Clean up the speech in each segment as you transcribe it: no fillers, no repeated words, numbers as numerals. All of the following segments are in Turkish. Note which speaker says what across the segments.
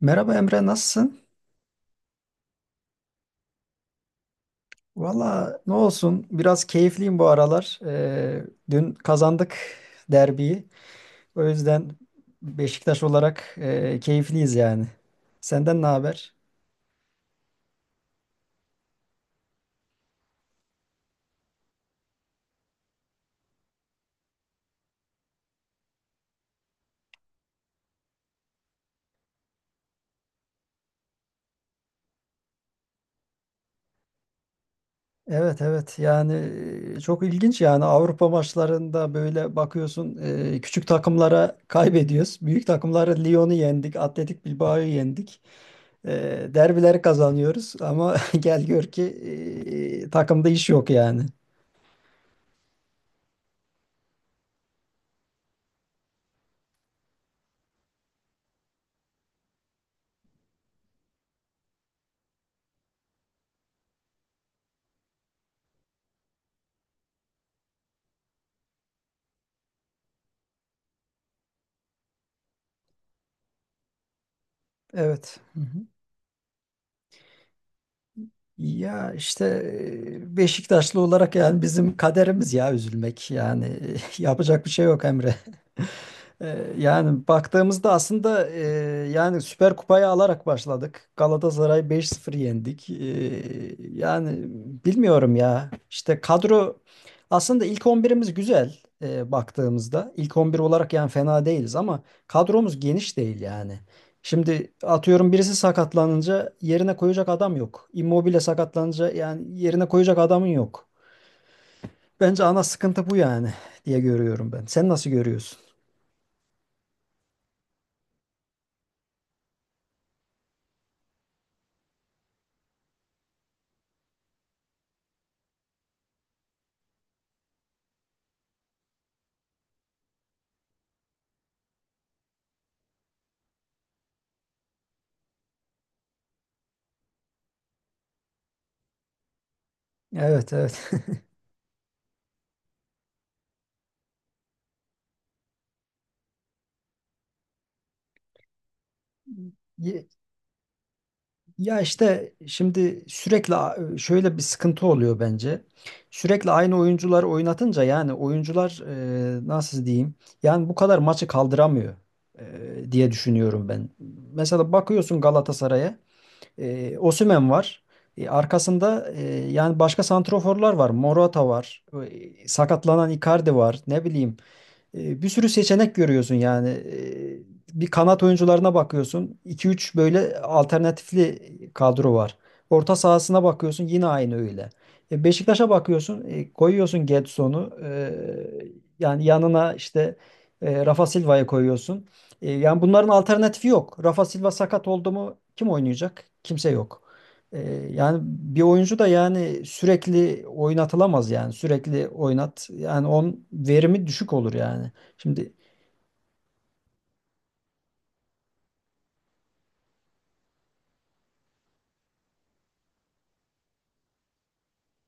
Speaker 1: Merhaba Emre, nasılsın? Valla ne olsun, biraz keyifliyim bu aralar. Dün kazandık derbiyi. O yüzden Beşiktaş olarak keyifliyiz yani. Senden ne haber? Evet, evet, yani çok ilginç yani. Avrupa maçlarında böyle bakıyorsun, küçük takımlara kaybediyoruz. Büyük takımlara Lyon'u yendik, Atletik Bilbao'yu yendik. E, derbileri kazanıyoruz ama gel gör ki takımda iş yok yani. Evet. Hı hı. Ya işte Beşiktaşlı olarak yani bizim kaderimiz ya üzülmek. Yani yapacak bir şey yok Emre. Yani baktığımızda aslında, yani Süper Kupayı alarak başladık. Galatasaray beş sıfır yendik. Yani bilmiyorum ya. İşte kadro aslında ilk 11'imiz güzel, baktığımızda. İlk 11 olarak yani fena değiliz ama kadromuz geniş değil yani. Şimdi atıyorum birisi sakatlanınca yerine koyacak adam yok. Immobile sakatlanınca yani yerine koyacak adamın yok. Bence ana sıkıntı bu yani diye görüyorum ben. Sen nasıl görüyorsun? Evet, evet. Ye- ya işte şimdi sürekli şöyle bir sıkıntı oluyor bence. Sürekli aynı oyuncuları oynatınca yani oyuncular, nasıl diyeyim? Yani bu kadar maçı kaldıramıyor diye düşünüyorum ben. Mesela bakıyorsun Galatasaray'a, Osimhen var. E, arkasında, yani başka santroforlar var. Morata var. E, sakatlanan Icardi var. Ne bileyim, bir sürü seçenek görüyorsun yani. E, bir kanat oyuncularına bakıyorsun. İki üç böyle alternatifli kadro var. Orta sahasına bakıyorsun yine aynı öyle. E, Beşiktaş'a bakıyorsun, koyuyorsun Gedson'u. E, yani yanına işte, Rafa Silva'yı koyuyorsun. E, yani bunların alternatifi yok. Rafa Silva sakat oldu mu kim oynayacak? Kimse yok. Ee, yani bir oyuncu da yani sürekli oynatılamaz yani sürekli oynat yani on verimi düşük olur yani. Şimdi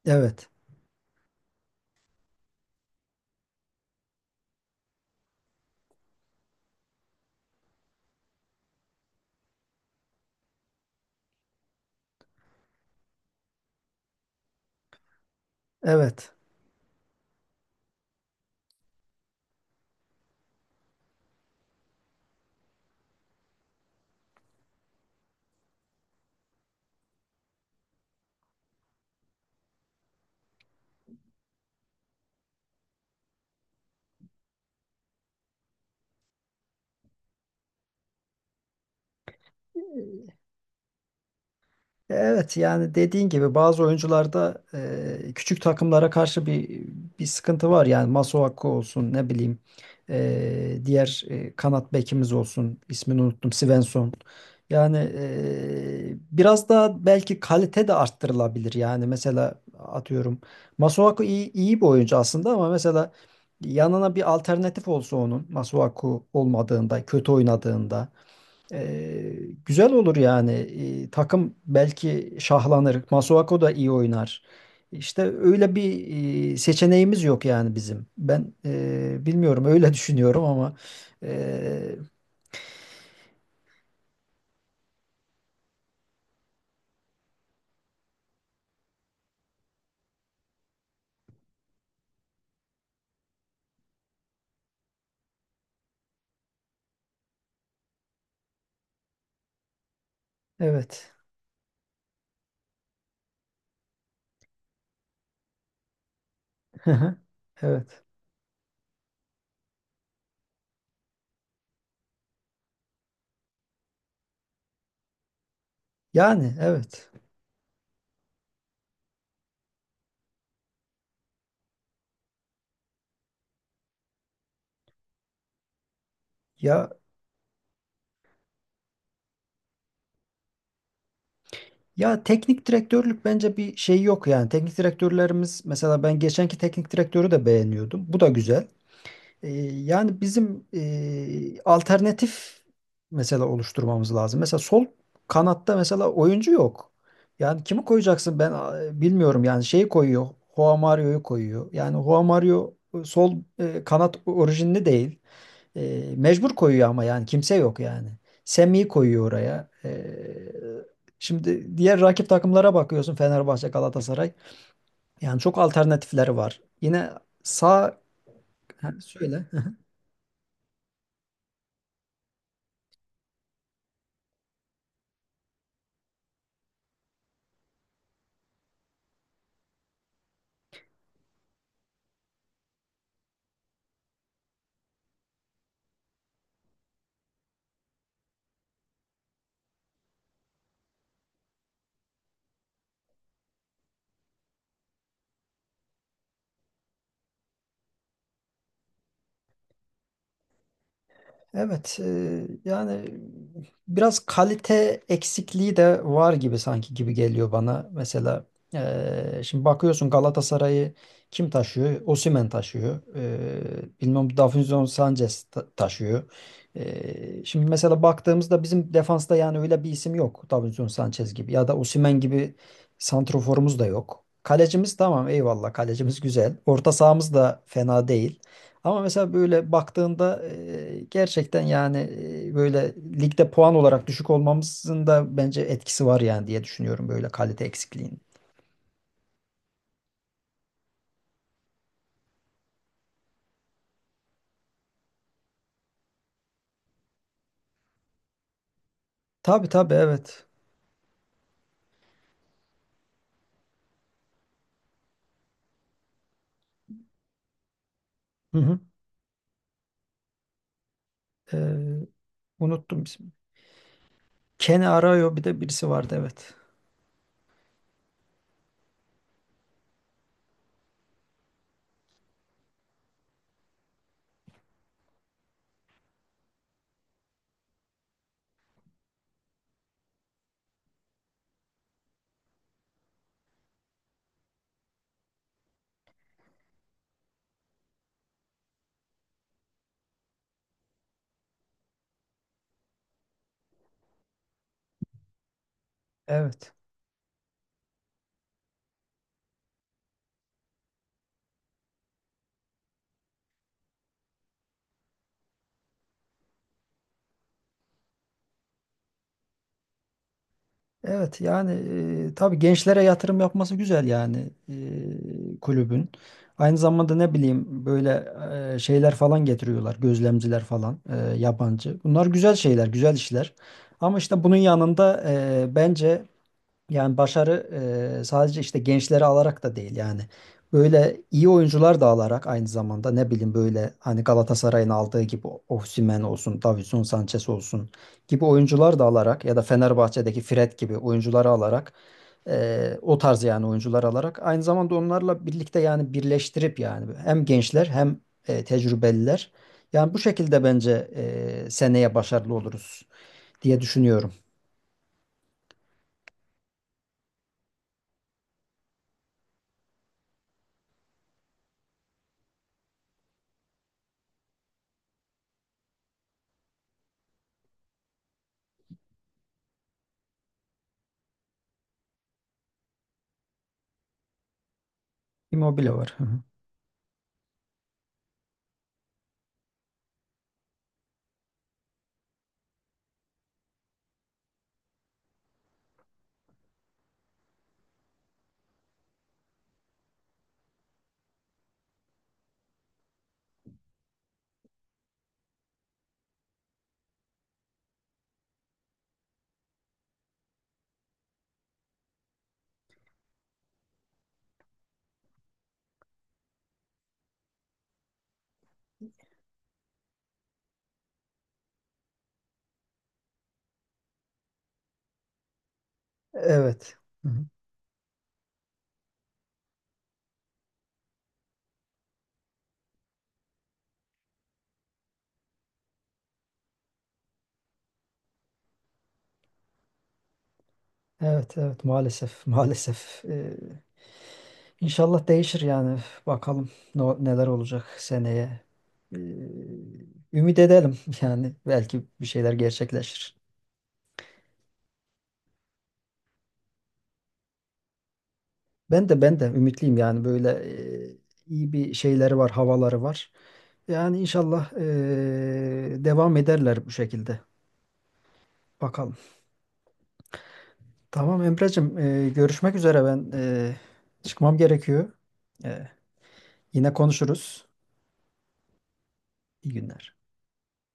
Speaker 1: evet, evet. E, evet yani dediğin gibi bazı oyuncularda, küçük takımlara karşı bir bir sıkıntı var. Yani Masuaku olsun, ne bileyim, diğer kanat bekimiz olsun, ismini unuttum, Svensson. Yani biraz daha belki kalite de arttırılabilir. Yani mesela atıyorum, Masuaku iyi, iyi bir oyuncu aslında ama mesela yanına bir alternatif olsa, onun Masuaku olmadığında kötü oynadığında, ee, güzel olur yani. Takım belki şahlanır. Masuako da iyi oynar. İşte öyle bir seçeneğimiz yok yani bizim. Ben bilmiyorum, öyle düşünüyorum ama e, evet. Evet. Yani evet. Ya, ya teknik direktörlük bence bir şey yok yani. Teknik direktörlerimiz mesela, ben geçenki teknik direktörü de beğeniyordum. Bu da güzel. E, yani bizim alternatif mesela oluşturmamız lazım. Mesela sol kanatta mesela oyuncu yok. Yani kimi koyacaksın ben bilmiyorum. Yani şeyi koyuyor. Joao Mario'yu koyuyor. Yani Joao Mario sol kanat orijinli değil. E, mecbur koyuyor ama yani kimse yok yani. Semih'i koyuyor oraya. E, şimdi diğer rakip takımlara bakıyorsun, Fenerbahçe, Galatasaray. Yani çok alternatifleri var. Yine sağ. Ha, söyle. Evet, yani biraz kalite eksikliği de var gibi, sanki gibi geliyor bana. Mesela şimdi bakıyorsun Galatasaray'ı kim taşıyor? Osimhen taşıyor. E, bilmem Davinson Sanchez taşıyor. E, şimdi mesela baktığımızda bizim defansta yani öyle bir isim yok. Davinson Sanchez gibi ya da Osimhen gibi santroforumuz da yok. Kalecimiz tamam, eyvallah, kalecimiz güzel. Orta sahamız da fena değil. Ama mesela böyle baktığında gerçekten yani, böyle ligde puan olarak düşük olmamızın da bence etkisi var yani diye düşünüyorum, böyle kalite eksikliğinin. Tabii, tabii, evet. Hı hı. Ee, unuttum. Ken Arayo bir de birisi vardı, evet. Evet. Evet yani, tabii gençlere yatırım yapması güzel yani, e, kulübün. Aynı zamanda ne bileyim, böyle şeyler falan getiriyorlar, gözlemciler falan, yabancı. Bunlar güzel şeyler, güzel işler. Ama işte bunun yanında bence yani başarı sadece işte gençleri alarak da değil yani. Böyle iyi oyuncular da alarak, aynı zamanda ne bileyim, böyle hani Galatasaray'ın aldığı gibi Osimhen olsun, Davinson Sanchez olsun gibi oyuncular da alarak ya da Fenerbahçe'deki Fred gibi oyuncuları alarak, o tarz yani oyuncular alarak, aynı zamanda onlarla birlikte yani birleştirip yani hem gençler hem tecrübeliler. Yani bu şekilde bence seneye başarılı oluruz diye düşünüyorum. Immobile var. Hı hı. Evet. Hı hı. Evet, evet, maalesef. Maalesef. İnşallah değişir yani. Bakalım neler olacak seneye. Ee, ümit edelim yani belki bir şeyler gerçekleşir. Ben de, ben de ümitliyim yani, böyle e, iyi bir şeyleri var, havaları var. Yani inşallah devam ederler bu şekilde. Bakalım. Tamam Emre'cim, görüşmek üzere, ben çıkmam gerekiyor. E, yine konuşuruz. İyi günler.